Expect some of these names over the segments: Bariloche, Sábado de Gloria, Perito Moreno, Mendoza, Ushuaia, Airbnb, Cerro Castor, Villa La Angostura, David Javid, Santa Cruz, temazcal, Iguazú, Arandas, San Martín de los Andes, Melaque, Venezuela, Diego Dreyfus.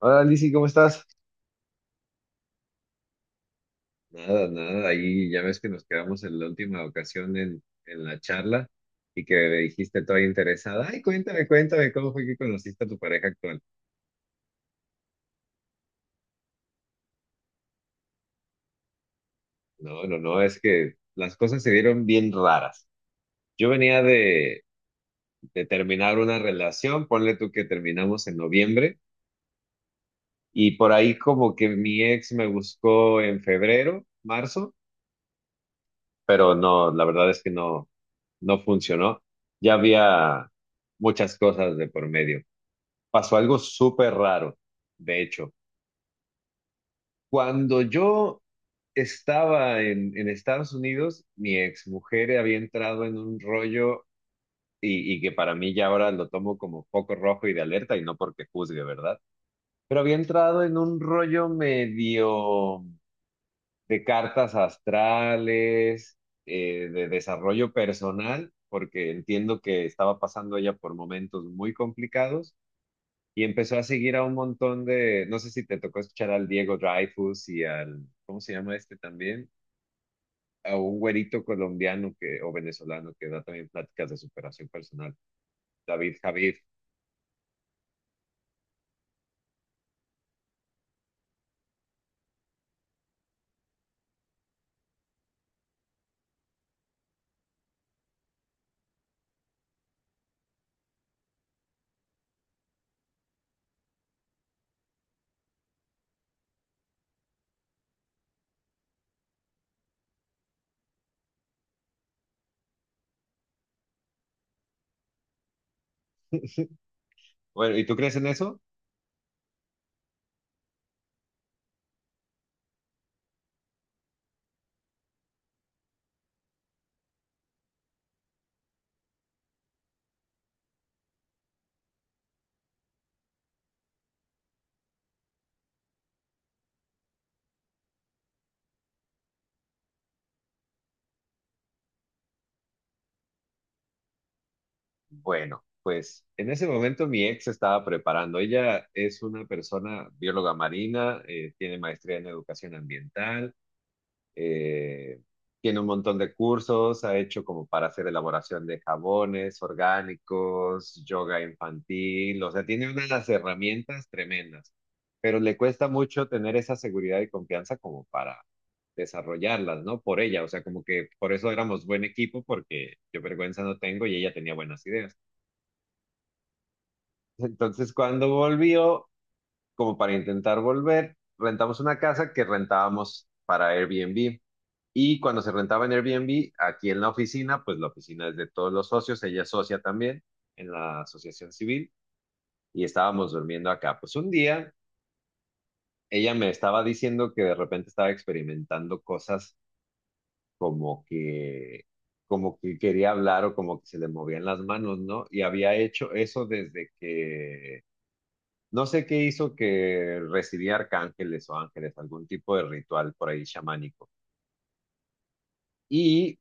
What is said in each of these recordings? Hola, Lizzy, ¿cómo estás? Nada, nada, ahí ya ves que nos quedamos en la última ocasión en la charla y que me dijiste toda interesada, ay, cuéntame, cuéntame, ¿cómo fue que conociste a tu pareja actual? No, no, no, es que las cosas se dieron bien raras. Yo venía de terminar una relación, ponle tú que terminamos en noviembre y por ahí como que mi ex me buscó en febrero, marzo. Pero no, la verdad es que no, no funcionó. Ya había muchas cosas de por medio. Pasó algo súper raro, de hecho. Cuando yo estaba en Estados Unidos, mi exmujer había entrado en un rollo y que para mí ya ahora lo tomo como foco rojo y de alerta y no porque juzgue, ¿verdad? Pero había entrado en un rollo medio de cartas astrales, de desarrollo personal, porque entiendo que estaba pasando ella por momentos muy complicados y empezó a seguir a un montón de, no sé si te tocó escuchar al Diego Dreyfus y al, ¿cómo se llama este también? A un güerito colombiano que, o venezolano que da también pláticas de superación personal, David Javid. Bueno, ¿y tú crees en eso? Bueno, pues en ese momento mi ex estaba preparando. Ella es una persona bióloga marina, tiene maestría en educación ambiental, eh, tiene un montón de cursos, ha hecho como para hacer elaboración de jabones orgánicos, yoga infantil, o sea, tiene unas herramientas tremendas, pero le cuesta mucho tener esa seguridad y confianza como para desarrollarlas, ¿no? Por ella, o sea, como que por eso éramos buen equipo, porque yo vergüenza no tengo y ella tenía buenas ideas. Entonces, cuando volvió, como para intentar volver, rentamos una casa que rentábamos para Airbnb. Y cuando se rentaba en Airbnb, aquí en la oficina, pues la oficina es de todos los socios, ella es socia también en la asociación civil, y estábamos durmiendo acá. Pues un día ella me estaba diciendo que de repente estaba experimentando cosas como que, como que quería hablar o como que se le movían las manos, ¿no? Y había hecho eso desde que no sé qué hizo que recibía arcángeles o ángeles, algún tipo de ritual por ahí chamánico. Y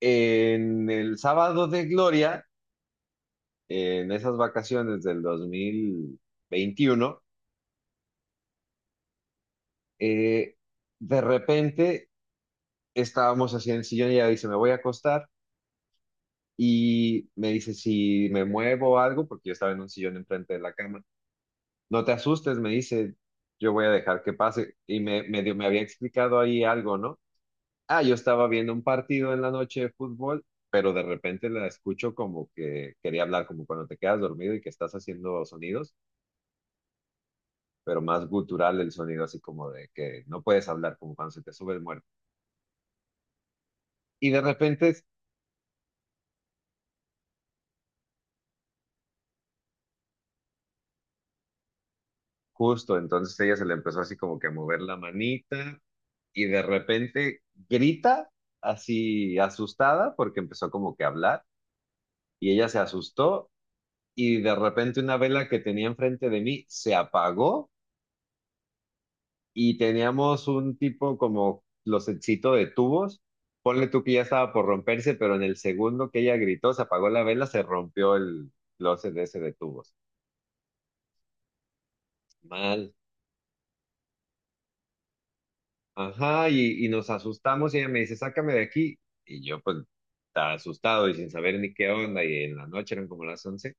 en el sábado de Gloria, en esas vacaciones del 2021, eh, de repente estábamos así en el sillón y ella dice, me voy a acostar. Y me dice, si me muevo o algo, porque yo estaba en un sillón enfrente de la cama, no te asustes, me dice, yo voy a dejar que pase. Y me, medio me había explicado ahí algo, ¿no? Ah, yo estaba viendo un partido en la noche de fútbol, pero de repente la escucho como que quería hablar, como cuando te quedas dormido y que estás haciendo sonidos, pero más gutural el sonido, así como de que no puedes hablar, como cuando se te sube el muerto. Y de repente, es justo, entonces ella se le empezó así como que a mover la manita y de repente grita así asustada porque empezó como que a hablar y ella se asustó y de repente una vela que tenía enfrente de mí se apagó y teníamos un tipo como los closetcito de tubos. Ponle tú que ya estaba por romperse, pero en el segundo que ella gritó, se apagó la vela, se rompió el closet ese de tubos. Mal. Ajá, y nos asustamos y ella me dice, sácame de aquí. Y yo pues estaba asustado y sin saber ni qué onda, y en la noche eran como las 11.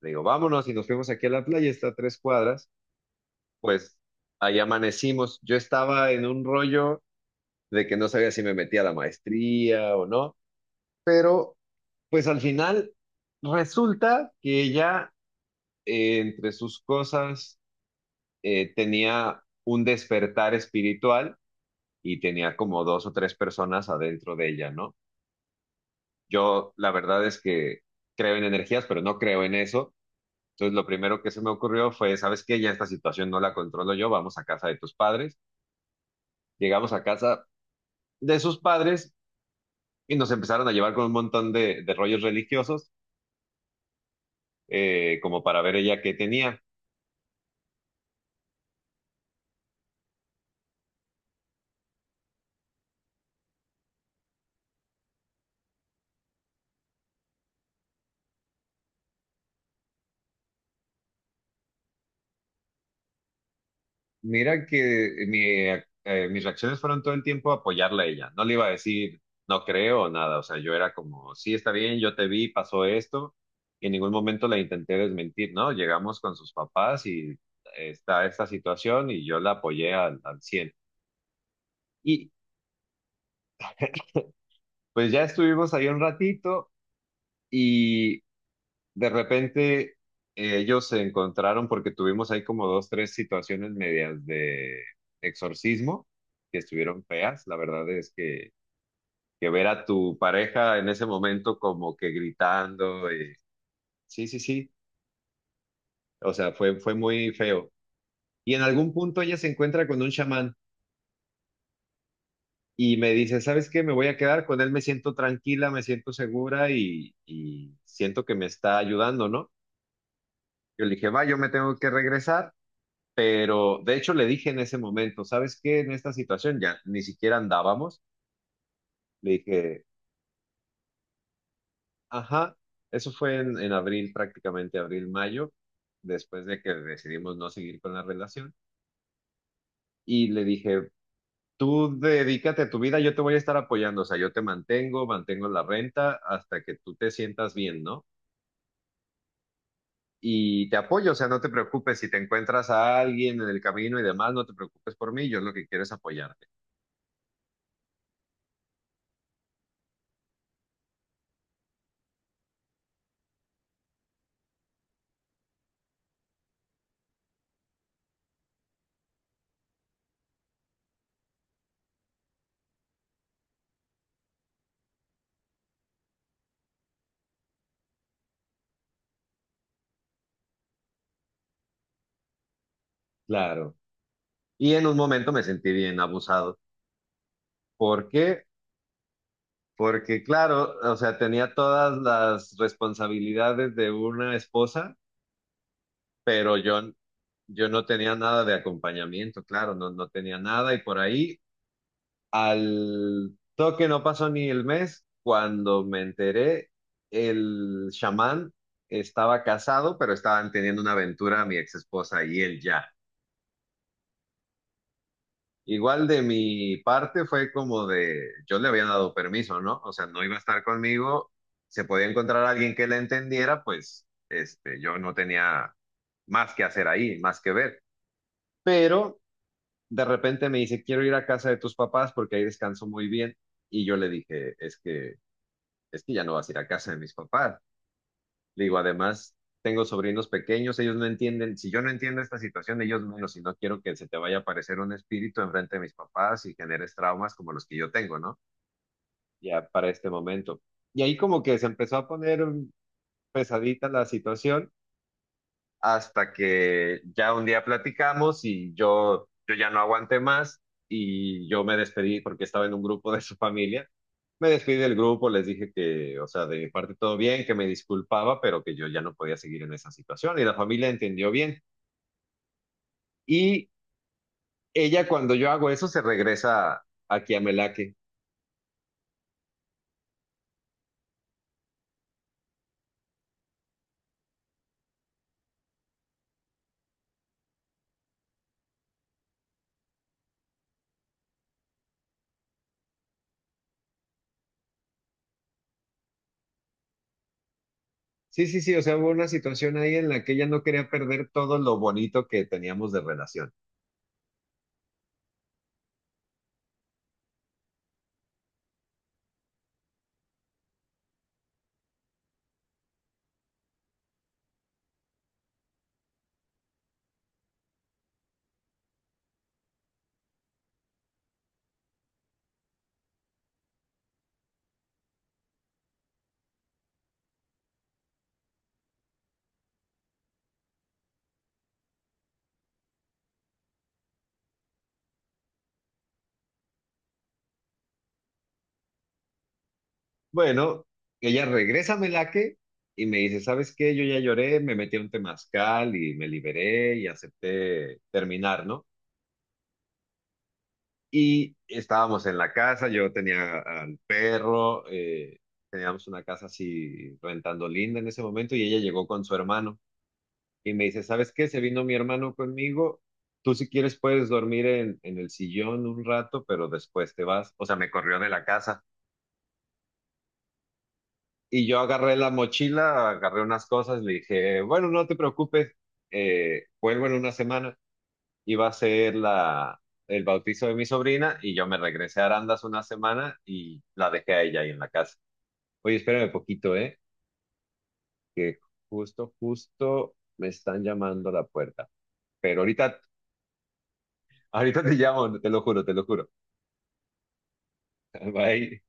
Le digo, vámonos y nos fuimos aquí a la playa, está a 3 cuadras. Pues ahí amanecimos. Yo estaba en un rollo de que no sabía si me metía a la maestría o no. Pero pues al final resulta que ella entre sus cosas tenía un despertar espiritual y tenía como dos o tres personas adentro de ella, ¿no? Yo la verdad es que creo en energías, pero no creo en eso. Entonces lo primero que se me ocurrió fue, ¿sabes qué? Ya esta situación no la controlo yo, vamos a casa de tus padres. Llegamos a casa de sus padres y nos empezaron a llevar con un montón de rollos religiosos, como para ver ella qué tenía. Mira que mi, mis reacciones fueron todo el tiempo apoyarla a ella. No le iba a decir, no creo, o nada. O sea, yo era como, sí, está bien, yo te vi, pasó esto. Y en ningún momento la intenté desmentir, ¿no? Llegamos con sus papás y está esta situación y yo la apoyé al 100. Y pues ya estuvimos ahí un ratito y de repente ellos se encontraron porque tuvimos ahí como dos, tres situaciones medias de exorcismo que estuvieron feas. La verdad es que ver a tu pareja en ese momento como que gritando. Sí, sí, sí. O sea, fue muy feo. Y en algún punto ella se encuentra con un chamán y me dice, ¿sabes qué? Me voy a quedar con él, me siento tranquila, me siento segura y siento que me está ayudando, ¿no? Yo le dije, va, yo me tengo que regresar, pero de hecho le dije en ese momento, ¿sabes qué? En esta situación ya ni siquiera andábamos. Le dije, ajá, eso fue en abril, prácticamente abril, mayo, después de que decidimos no seguir con la relación. Y le dije, tú dedícate a tu vida, yo te voy a estar apoyando, o sea, yo te mantengo, mantengo la renta hasta que tú te sientas bien, ¿no? Y te apoyo, o sea, no te preocupes, si te encuentras a alguien en el camino y demás, no te preocupes por mí, yo lo que quiero es apoyarte. Claro. Y en un momento me sentí bien abusado. Porque porque claro, o sea, tenía todas las responsabilidades de una esposa, pero yo no tenía nada de acompañamiento, claro, no, no tenía nada y por ahí al toque no pasó ni el mes cuando me enteré, el chamán estaba casado, pero estaban teniendo una aventura mi ex esposa y él ya. Igual de mi parte fue como de, yo le había dado permiso, ¿no? O sea, no iba a estar conmigo, se podía encontrar a alguien que le entendiera, pues este, yo no tenía más que hacer ahí, más que ver. Pero de repente me dice, quiero ir a casa de tus papás porque ahí descanso muy bien. Y yo le dije, es que ya no vas a ir a casa de mis papás. Digo, además, tengo sobrinos pequeños, ellos no entienden, si yo no entiendo esta situación, ellos menos, y no quiero que se te vaya a aparecer un espíritu enfrente de mis papás y generes traumas como los que yo tengo, ¿no? Ya para este momento. Y ahí como que se empezó a poner pesadita la situación hasta que ya un día platicamos y yo ya no aguanté más y yo me despedí porque estaba en un grupo de su familia. Me despedí del grupo, les dije que, o sea, de mi parte todo bien, que me disculpaba, pero que yo ya no podía seguir en esa situación y la familia entendió bien. Y ella cuando yo hago eso se regresa aquí a Melaque. Sí, sí, sí, o sea, hubo una situación ahí en la que ella no quería perder todo lo bonito que teníamos de relación. Bueno, ella regresa a Melaque y me dice, ¿sabes qué? Yo ya lloré, me metí a un temazcal y me liberé y acepté terminar, ¿no? Y estábamos en la casa, yo tenía al perro, teníamos una casa así rentando linda en ese momento y ella llegó con su hermano y me dice, ¿sabes qué? Se vino mi hermano conmigo, tú si quieres puedes dormir en el sillón un rato, pero después te vas, o sea, me corrió de la casa. Y yo agarré la mochila, agarré unas cosas, le dije, bueno, no te preocupes, vuelvo en 1 semana. Iba a ser el bautizo de mi sobrina y yo me regresé a Arandas 1 semana y la dejé a ella ahí en la casa. Oye, espérame poquito, ¿eh? Que justo, justo me están llamando a la puerta. Pero ahorita te llamo, te lo juro, te lo juro. Bye.